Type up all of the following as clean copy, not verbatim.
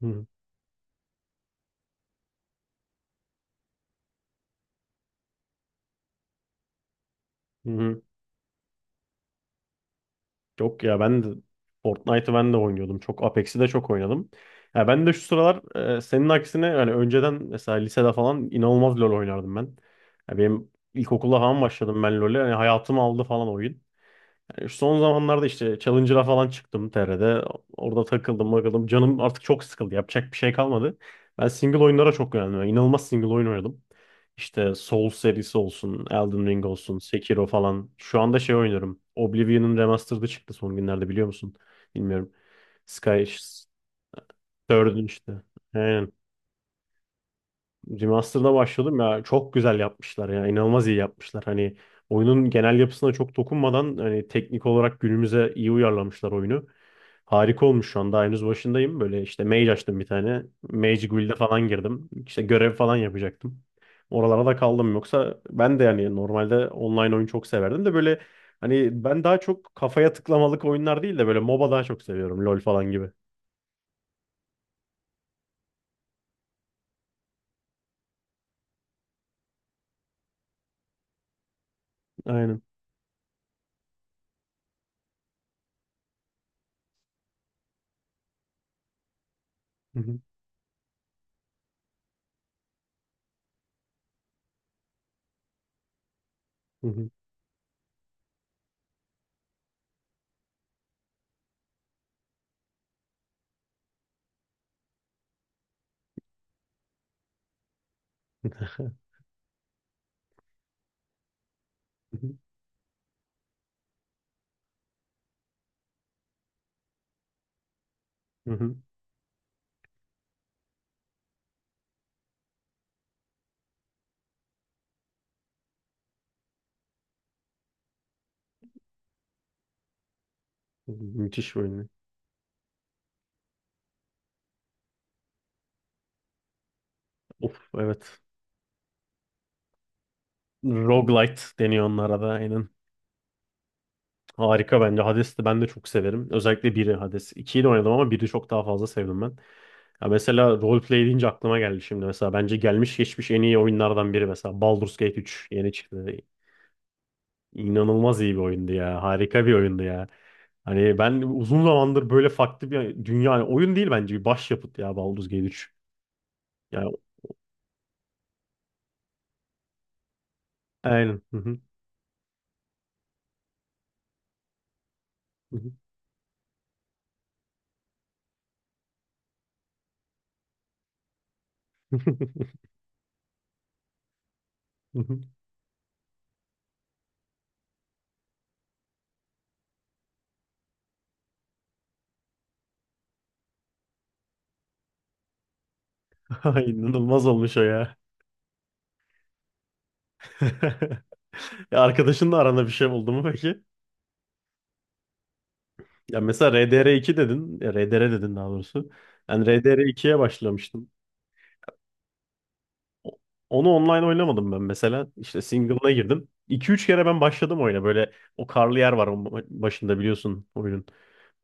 Hı hı. Yok ya, ben de Fortnite'ı ben de oynuyordum. Çok Apex'i de çok oynadım. Ya ben de şu sıralar, senin aksine yani önceden mesela lisede falan inanılmaz LoL oynardım ben. Ya benim ilkokulda falan başladım ben LoL'e. Yani hayatımı aldı falan oyun. Son zamanlarda işte Challenger'a falan çıktım TR'de. Orada takıldım bakalım. Canım artık çok sıkıldı. Yapacak bir şey kalmadı. Ben single oyunlara çok yöneldim. Yani İnanılmaz single oyun oynadım. İşte Souls serisi olsun, Elden Ring olsun, Sekiro falan. Şu anda şey oynuyorum. Oblivion'un remastered'ı çıktı son günlerde, biliyor musun? Bilmiyorum. Sky Third'ün işte. Aynen. Remaster'da başladım ya, çok güzel yapmışlar ya, inanılmaz iyi yapmışlar. Hani oyunun genel yapısına çok dokunmadan hani teknik olarak günümüze iyi uyarlamışlar oyunu. Harika olmuş, şu an daha henüz başındayım. Böyle işte mage açtım bir tane. Mage Guild'e falan girdim. İşte görev falan yapacaktım. Oralara da kaldım, yoksa ben de yani normalde online oyun çok severdim de böyle hani ben daha çok kafaya tıklamalık oyunlar değil de böyle MOBA daha çok seviyorum. LoL falan gibi. Aynen. Hı hı, hı hı, hı hı, hı hı. Müthiş bir oyun. Of, evet. Roguelite deniyor onlara da, aynen. Harika bence. Hades'i ben de çok severim. Özellikle biri, Hades. 2'yi de oynadım ama biri çok daha fazla sevdim ben. Ya mesela roleplay deyince aklıma geldi şimdi mesela. Bence gelmiş geçmiş en iyi oyunlardan biri mesela. Baldur's Gate 3 yeni çıktı. İnanılmaz iyi bir oyundu ya. Harika bir oyundu ya. Hani ben uzun zamandır böyle farklı bir dünya, yani oyun değil bence bir başyapıt ya, Baldur's Gate 3. Yani aynen. Ay, inanılmaz olmuş o ya. Ya, arkadaşınla aranda bir şey oldu mu peki? Ya mesela RDR2 dedin. Ya RDR dedin daha doğrusu. Ben RDR2'ye başlamıştım. O- Onu online oynamadım ben mesela. İşte single'ına girdim. 2 üç kere ben başladım oyuna. Böyle o karlı yer var onun başında biliyorsun oyunun.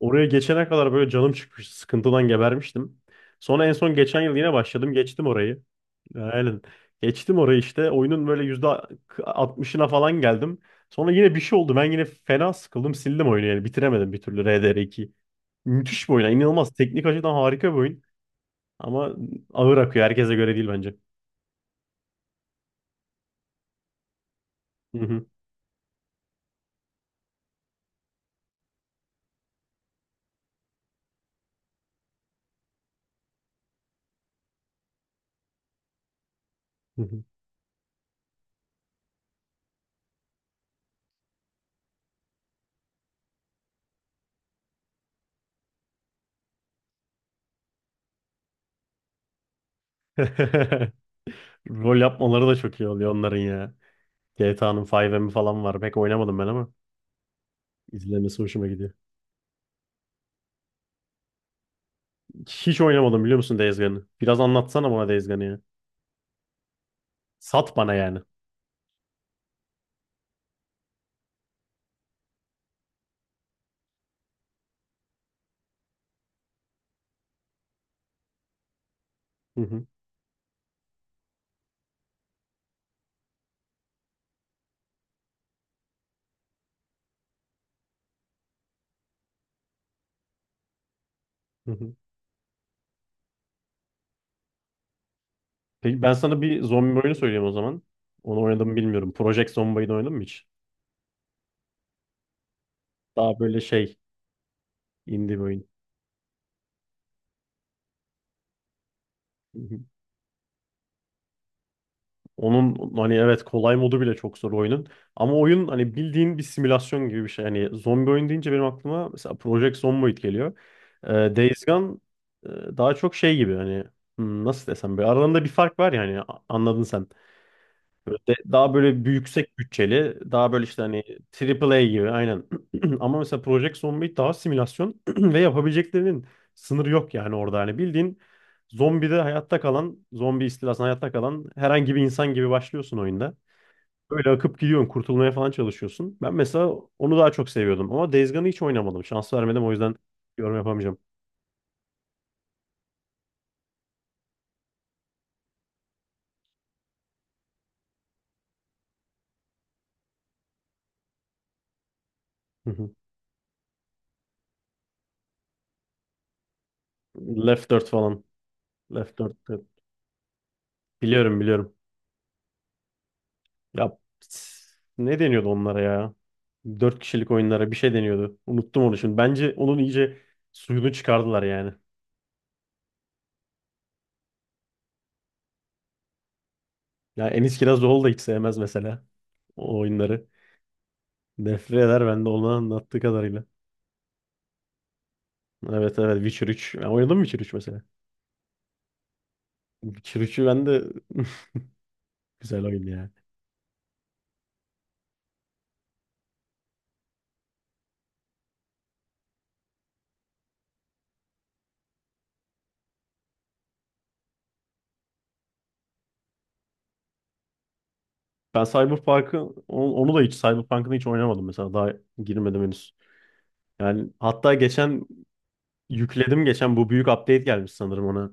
Oraya geçene kadar böyle canım çıkmıştı. Sıkıntıdan gebermiştim. Sonra en son geçen yıl yine başladım. Geçtim orayı. Aynen. Geçtim orayı işte. Oyunun böyle yüzde 60'ına falan geldim. Sonra yine bir şey oldu. Ben yine fena sıkıldım. Sildim oyunu yani. Bitiremedim bir türlü RDR2. Müthiş bir oyun. Yani İnanılmaz. Teknik açıdan harika bir oyun. Ama ağır akıyor. Herkese göre değil bence. Hı hı, hı hı. Rol yapmaları da çok iyi oluyor onların ya. GTA'nın 5M'i falan var. Pek oynamadım ben ama izlemesi hoşuma gidiyor. Hiç oynamadım, biliyor musun Days Gone'ı? Biraz anlatsana bana Days Gone'ı ya. Sat bana yani. Hı hı. Peki ben sana bir zombi oyunu söyleyeyim o zaman. Onu oynadım mı bilmiyorum. Project Zomboid'i oynadın mı hiç? Daha böyle şey, indie bir oyun. Hı hı. Onun hani evet kolay modu bile çok zor oyunun. Ama oyun hani bildiğin bir simülasyon gibi bir şey. Hani zombi oyun deyince benim aklıma mesela Project Zomboid geliyor. Days Gone daha çok şey gibi hani, nasıl desem, böyle aralarında bir fark var yani, anladın sen. Daha böyle bir yüksek bütçeli, daha böyle işte hani, triple A gibi, aynen. Ama mesela Project Zomboid daha simülasyon ve yapabileceklerinin sınırı yok yani orada. Hani bildiğin zombide hayatta kalan, zombi istilasında hayatta kalan herhangi bir insan gibi başlıyorsun oyunda. Böyle akıp gidiyorsun, kurtulmaya falan çalışıyorsun. Ben mesela onu daha çok seviyordum ama Days Gone'ı hiç oynamadım. Şans vermedim, o yüzden yorum yapamayacağım. Hı hı. Left 4 falan. Left 4. Biliyorum, biliyorum. Ya, ne deniyordu onlara ya? Dört kişilik oyunlara bir şey deniyordu. Unuttum onu şimdi. Bence onun iyice suyunu çıkardılar yani. Ya, Enis Kirazoğlu da hiç sevmez mesela o oyunları. Nefret eder ben de onu anlattığı kadarıyla. Evet, evet. Witcher 3, ya oynadın mı Witcher 3 mesela? Witcher 3'ü ben de güzel oyun ya. Ben Cyberpunk'ı onu da hiç Cyberpunk'ını hiç oynamadım mesela, daha girmedim henüz. Yani hatta geçen yükledim, geçen bu büyük update gelmiş sanırım ona.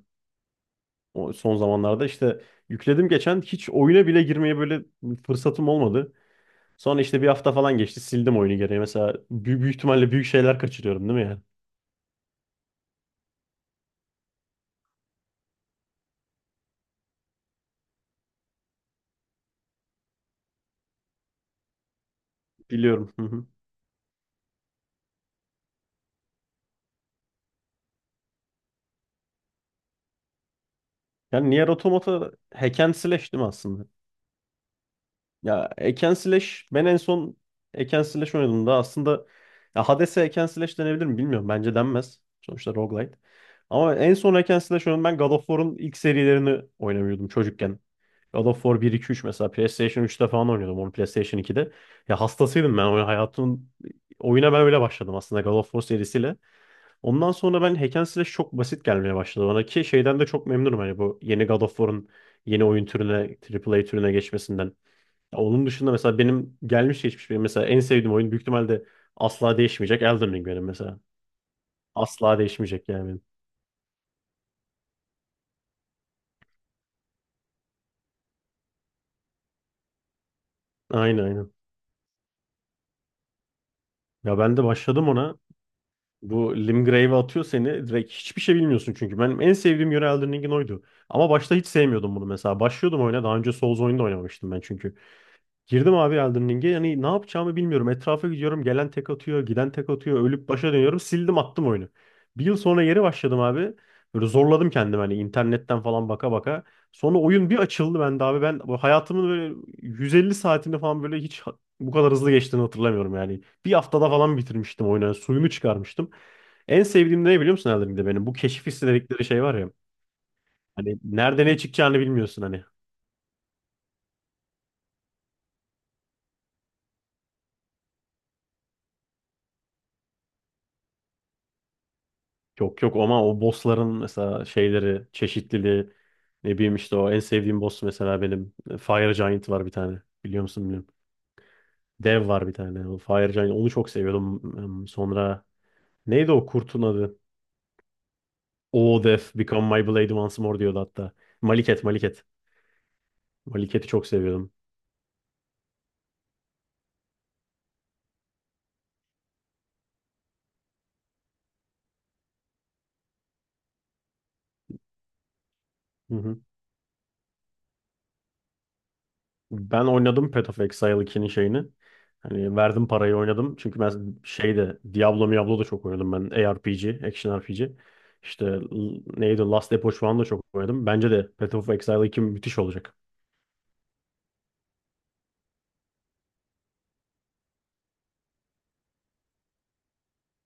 O son zamanlarda işte yükledim geçen, hiç oyuna bile girmeye böyle fırsatım olmadı. Sonra işte bir hafta falan geçti, sildim oyunu geriye. Mesela büyük ihtimalle büyük şeyler kaçırıyorum değil mi yani? Biliyorum. Hı hı. Yani Nier Automata hack and slash değil mi aslında? Ya Eken Slash, ben en son Eken Slash oynadığımda aslında, ya Hades'e Eken Slash denebilir mi bilmiyorum. Bence denmez. Sonuçta roguelite. Ama en son Eken Slash oynadım ben, God of War'un ilk serilerini oynamıyordum çocukken. God of War 1, 2, 3 mesela PlayStation 3'te falan oynuyordum, onu PlayStation 2'de. Ya hastasıydım ben, oyun hayatımın, oyuna ben öyle başladım aslında God of War serisiyle. Ondan sonra ben, Hack and Slash çok basit gelmeye başladı bana, ki şeyden de çok memnunum, hani bu yeni God of War'un yeni oyun türüne, AAA türüne geçmesinden. Ya, onun dışında mesela benim gelmiş geçmiş, benim mesela en sevdiğim oyun, büyük ihtimalle asla değişmeyecek, Elden Ring benim mesela. Asla değişmeyecek yani benim. Aynen, aynen. Ya ben de başladım ona. Bu Limgrave'e atıyor seni. Direkt hiçbir şey bilmiyorsun çünkü. Benim en sevdiğim yönü Elden Ring'in oydu. Ama başta hiç sevmiyordum bunu mesela. Başlıyordum oyuna. Daha önce Souls oyunu da oynamamıştım ben çünkü. Girdim abi Elden Ring'e. Yani ne yapacağımı bilmiyorum. Etrafa gidiyorum. Gelen tek atıyor. Giden tek atıyor. Ölüp başa dönüyorum. Sildim, attım oyunu. Bir yıl sonra geri başladım abi. Böyle zorladım kendimi hani, internetten falan baka baka. Sonra oyun bir açıldı bende abi. Ben bu hayatımın böyle 150 saatini falan böyle hiç bu kadar hızlı geçtiğini hatırlamıyorum yani. Bir haftada falan bitirmiştim oyunu. Yani suyunu çıkarmıştım. En sevdiğim de ne biliyor musun Elden Ring'de benim? Bu keşif hissi dedikleri şey var ya. Hani nerede ne çıkacağını bilmiyorsun hani. Yok yok, ama o bossların mesela şeyleri, çeşitliliği, ne bileyim işte, o en sevdiğim boss mesela benim, Fire Giant var bir tane. Biliyor musun bilmiyorum. Dev var bir tane. O Fire Giant, onu çok seviyordum. Sonra neydi o kurtun adı? O Death Become My Blade Once More diyordu hatta. Maliket, Maliket. Maliket'i çok seviyordum. Hı hı. Ben oynadım Path of Exile 2'nin şeyini. Hani verdim parayı oynadım. Çünkü ben şeyde Diablo Diablo da çok oynadım ben. ARPG, Action RPG. İşte neydi Last Epoch falan da çok oynadım. Bence de Path of Exile 2 müthiş olacak.